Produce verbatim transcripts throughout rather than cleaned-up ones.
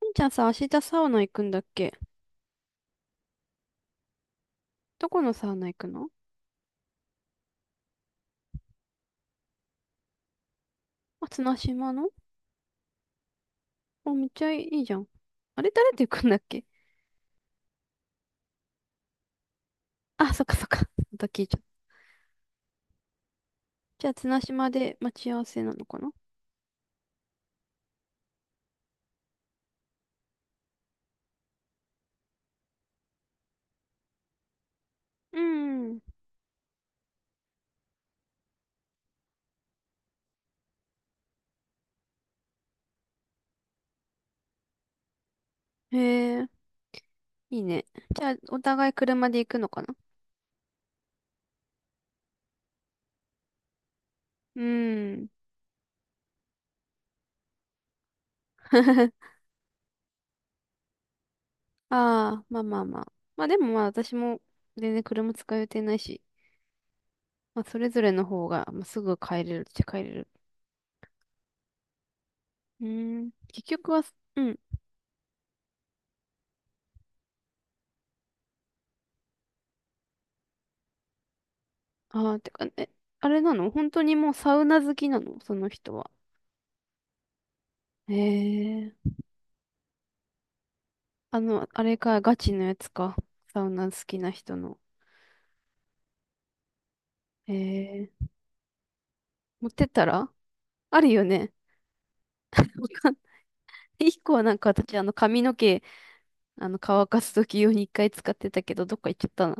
しんちゃんさ、明日サウナ行くんだっけ？どこのサウナ行くの？あ、綱島の。あ、めっちゃいいじゃん。あれ、誰と行くんだっけ？あ、そっかそっか。また聞いちゃった。じゃあ、綱島で待ち合わせなのかな？うん。へえ、いいね。じゃあ、お互い車で行くのかな？うん。ああ、まあまあまあ。まあでもまあ、私も全然車使う予定ないし、まあ、それぞれの方が、まあ、すぐ帰れるっちゃ帰れる。うん。結局は。うん。ああ、てか、え、あれなの？本当にもうサウナ好きなの、その人は？へえ。あの、あれか、ガチのやつか。サウナ好きな人の。へえ。持ってったら？あるよね。わかんない。一個はなんか私、あの、髪の毛、あの、乾かすとき用に一回使ってたけど、どっか行っちゃったな。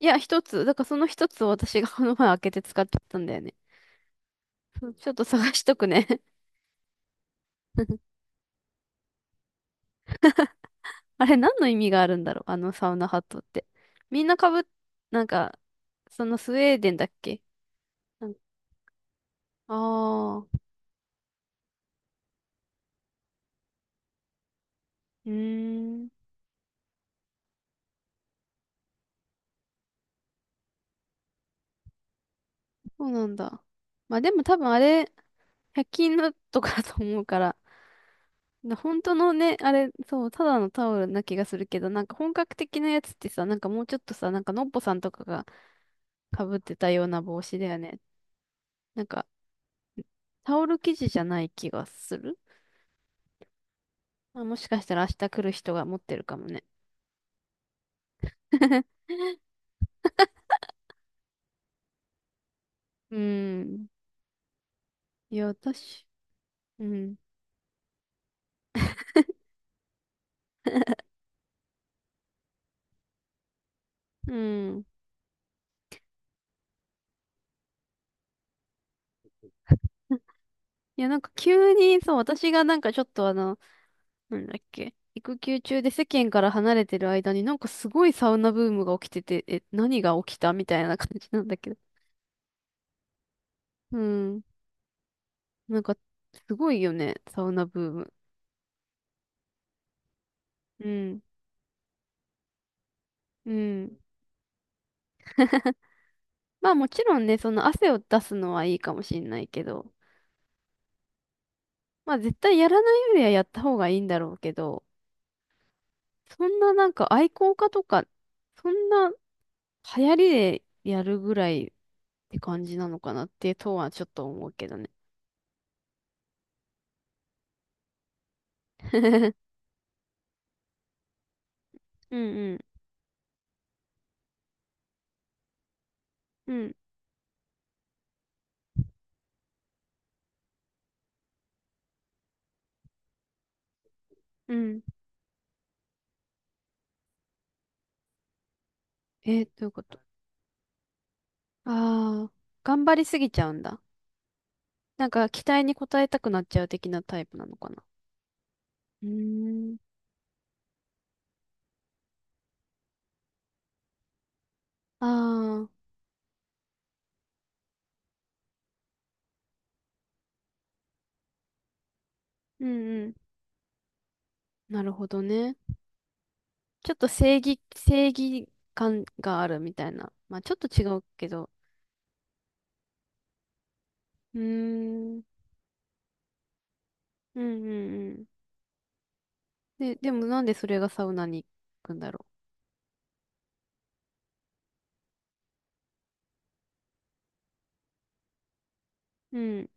いや、一つ。だからその一つを私がこの前開けて使っちゃったんだよね。そうちょっと探しとくね。あれ何の意味があるんだろう、あのサウナハットって。みんなかぶっ、なんか、そのスウェーデンだっけ？なんか、ああー、うーん、そうなんだ。まあでも多分あれ、ひゃっ均のとかだと思うから、な、本当のね、あれ、そう、ただのタオルな気がするけど、なんか本格的なやつってさ、なんかもうちょっとさ、なんかのっぽさんとかがかぶってたような帽子だよね。なんか、タオル生地じゃない気がする。まあ、もしかしたら明日来る人が持ってるかもね。うーん。いや、私、うん、うん。いや、なんか急に、そう、私がなんかちょっとあの、なんだっけ、育休中で世間から離れてる間になんかすごいサウナブームが起きてて、え、何が起きたみたいな感じなんだけど。うん。なんか、すごいよね、サウナブーム。うん。うん。まあもちろんね、その汗を出すのはいいかもしんないけど、まあ絶対やらないよりはやった方がいいんだろうけど、そんななんか愛好家とか、そんな流行りでやるぐらいって感じなのかなってとはちょっと思うけどね。うんうん。うんうん。えー、どういうこと？ああー、頑張りすぎちゃうんだ。なんか期待に応えたくなっちゃう的なタイプなのかな。うーん。ああ、うんうん。なるほどね。ちょっと正義、正義感があるみたいな。まあちょっと違うけど。うーん。うんうんうん。で、でもなんでそれがサウナに行くんだろう？うん。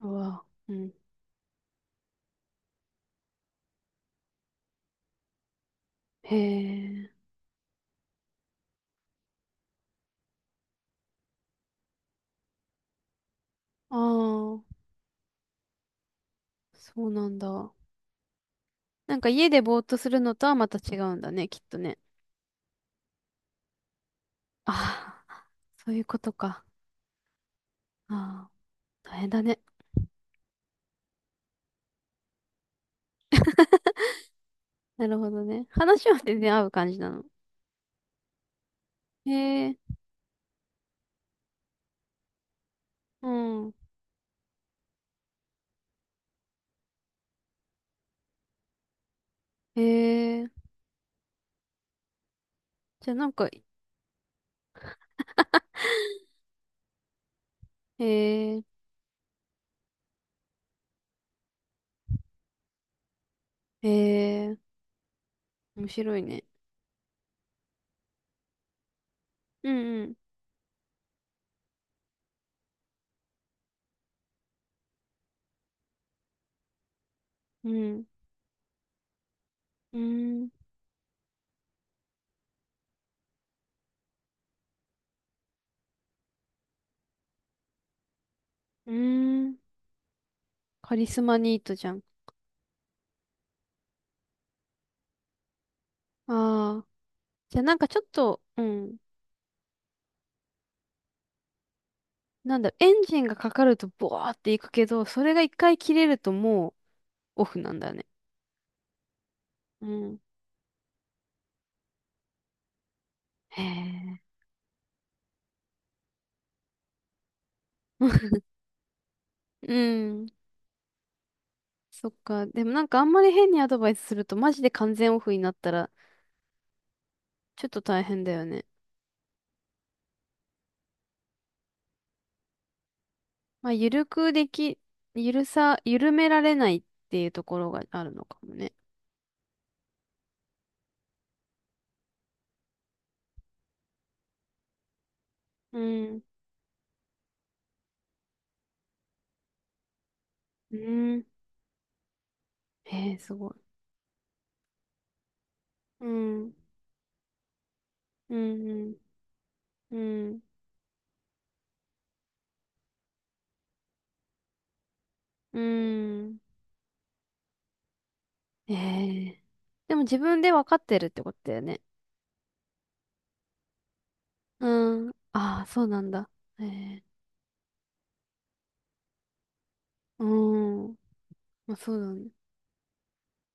うわ。うん、へえ。ああ、そうなんだ。なんか家でぼーっとするのとはまた違うんだね、きっとね。ああ、そういうことか。ああ、大変だね。なるほどね。話は全然合う感じなの？へえ、うん。へえ。じゃあなんか、へえ、へえ、面白いね。うんうん、うん、うーん、うーん。カリスマニートじゃん。ああ、じゃあなんかちょっと、うん。なんだろう、エンジンがかかるとボワーっていくけど、それが一回切れるともうオフなんだね。うん。へえ。うん。そっか。でもなんかあんまり変にアドバイスするとマジで完全オフになったらちょっと大変だよね。まあ、ゆるくでき、ゆるさ、緩められないっていうところがあるのかもね。うん。うん。へえ、すごい。うん。うん。うん。うん。うん、へえ。でも自分で分かってるってことだよね。うん。ああ、そうなんだ。ええ。うん。まあ、そうだね。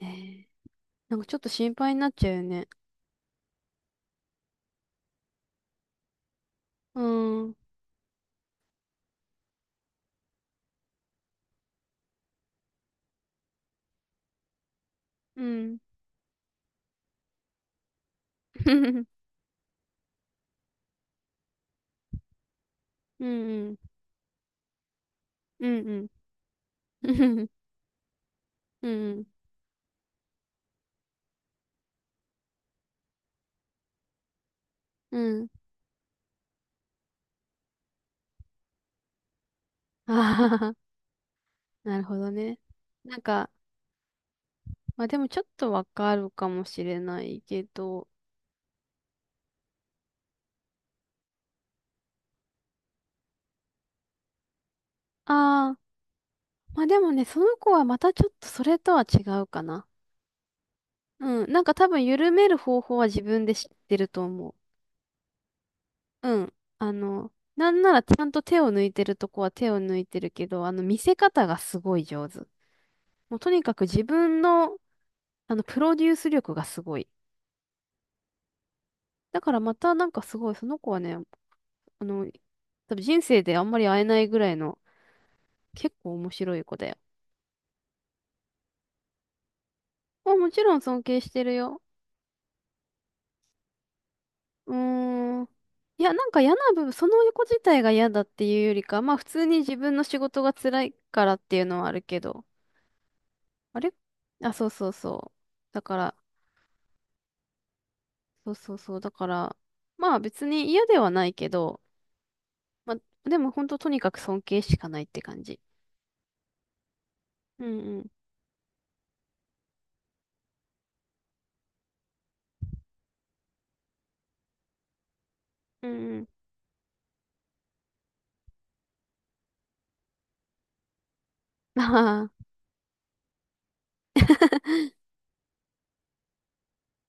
ええ。なんかちょっと心配になっちゃうよね。うん。うん。うんうん。うんうん。うんうん。うん。ああ、なるほどね。なんか、まあでもちょっとわかるかもしれないけど。ああ、まあでもね、その子はまたちょっとそれとは違うかな。うん。なんか多分緩める方法は自分で知ってると思う。うん。あの、なんならちゃんと手を抜いてるとこは手を抜いてるけど、あの、見せ方がすごい上手。もうとにかく自分の、あの、プロデュース力がすごい。だからまたなんかすごい、その子はね、あの、多分人生であんまり会えないぐらいの結構面白い子だよ。まあもちろん尊敬してるよ。うーん。いや、なんか嫌な部分、その子自体が嫌だっていうよりか、まあ普通に自分の仕事が辛いからっていうのはあるけど。あれ、あ、そうそうそう。だから、そうそうそう。だから、まあ別に嫌ではないけど、まあでも本当とにかく尊敬しかないって感じ。うんうん。うんうん。ああ。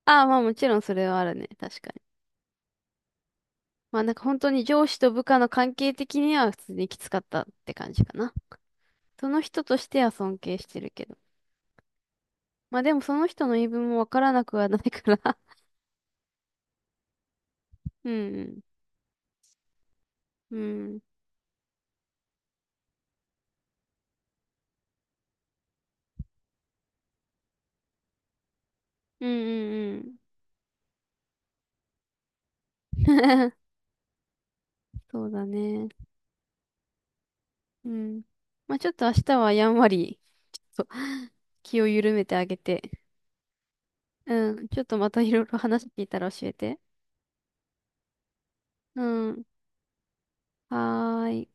ああ、まあもちろんそれはあるね。確かに。まあなんか本当に上司と部下の関係的には普通にきつかったって感じかな。その人としては尊敬してるけど。まあでもその人の言い分もわからなくはないから。うんうん。うん。うんうんうん。そうだね。うん。まあちょっと明日はやんわり。そう 気を緩めてあげて。うん。ちょっとまたいろいろ話聞いたら教えて。うん。はーい。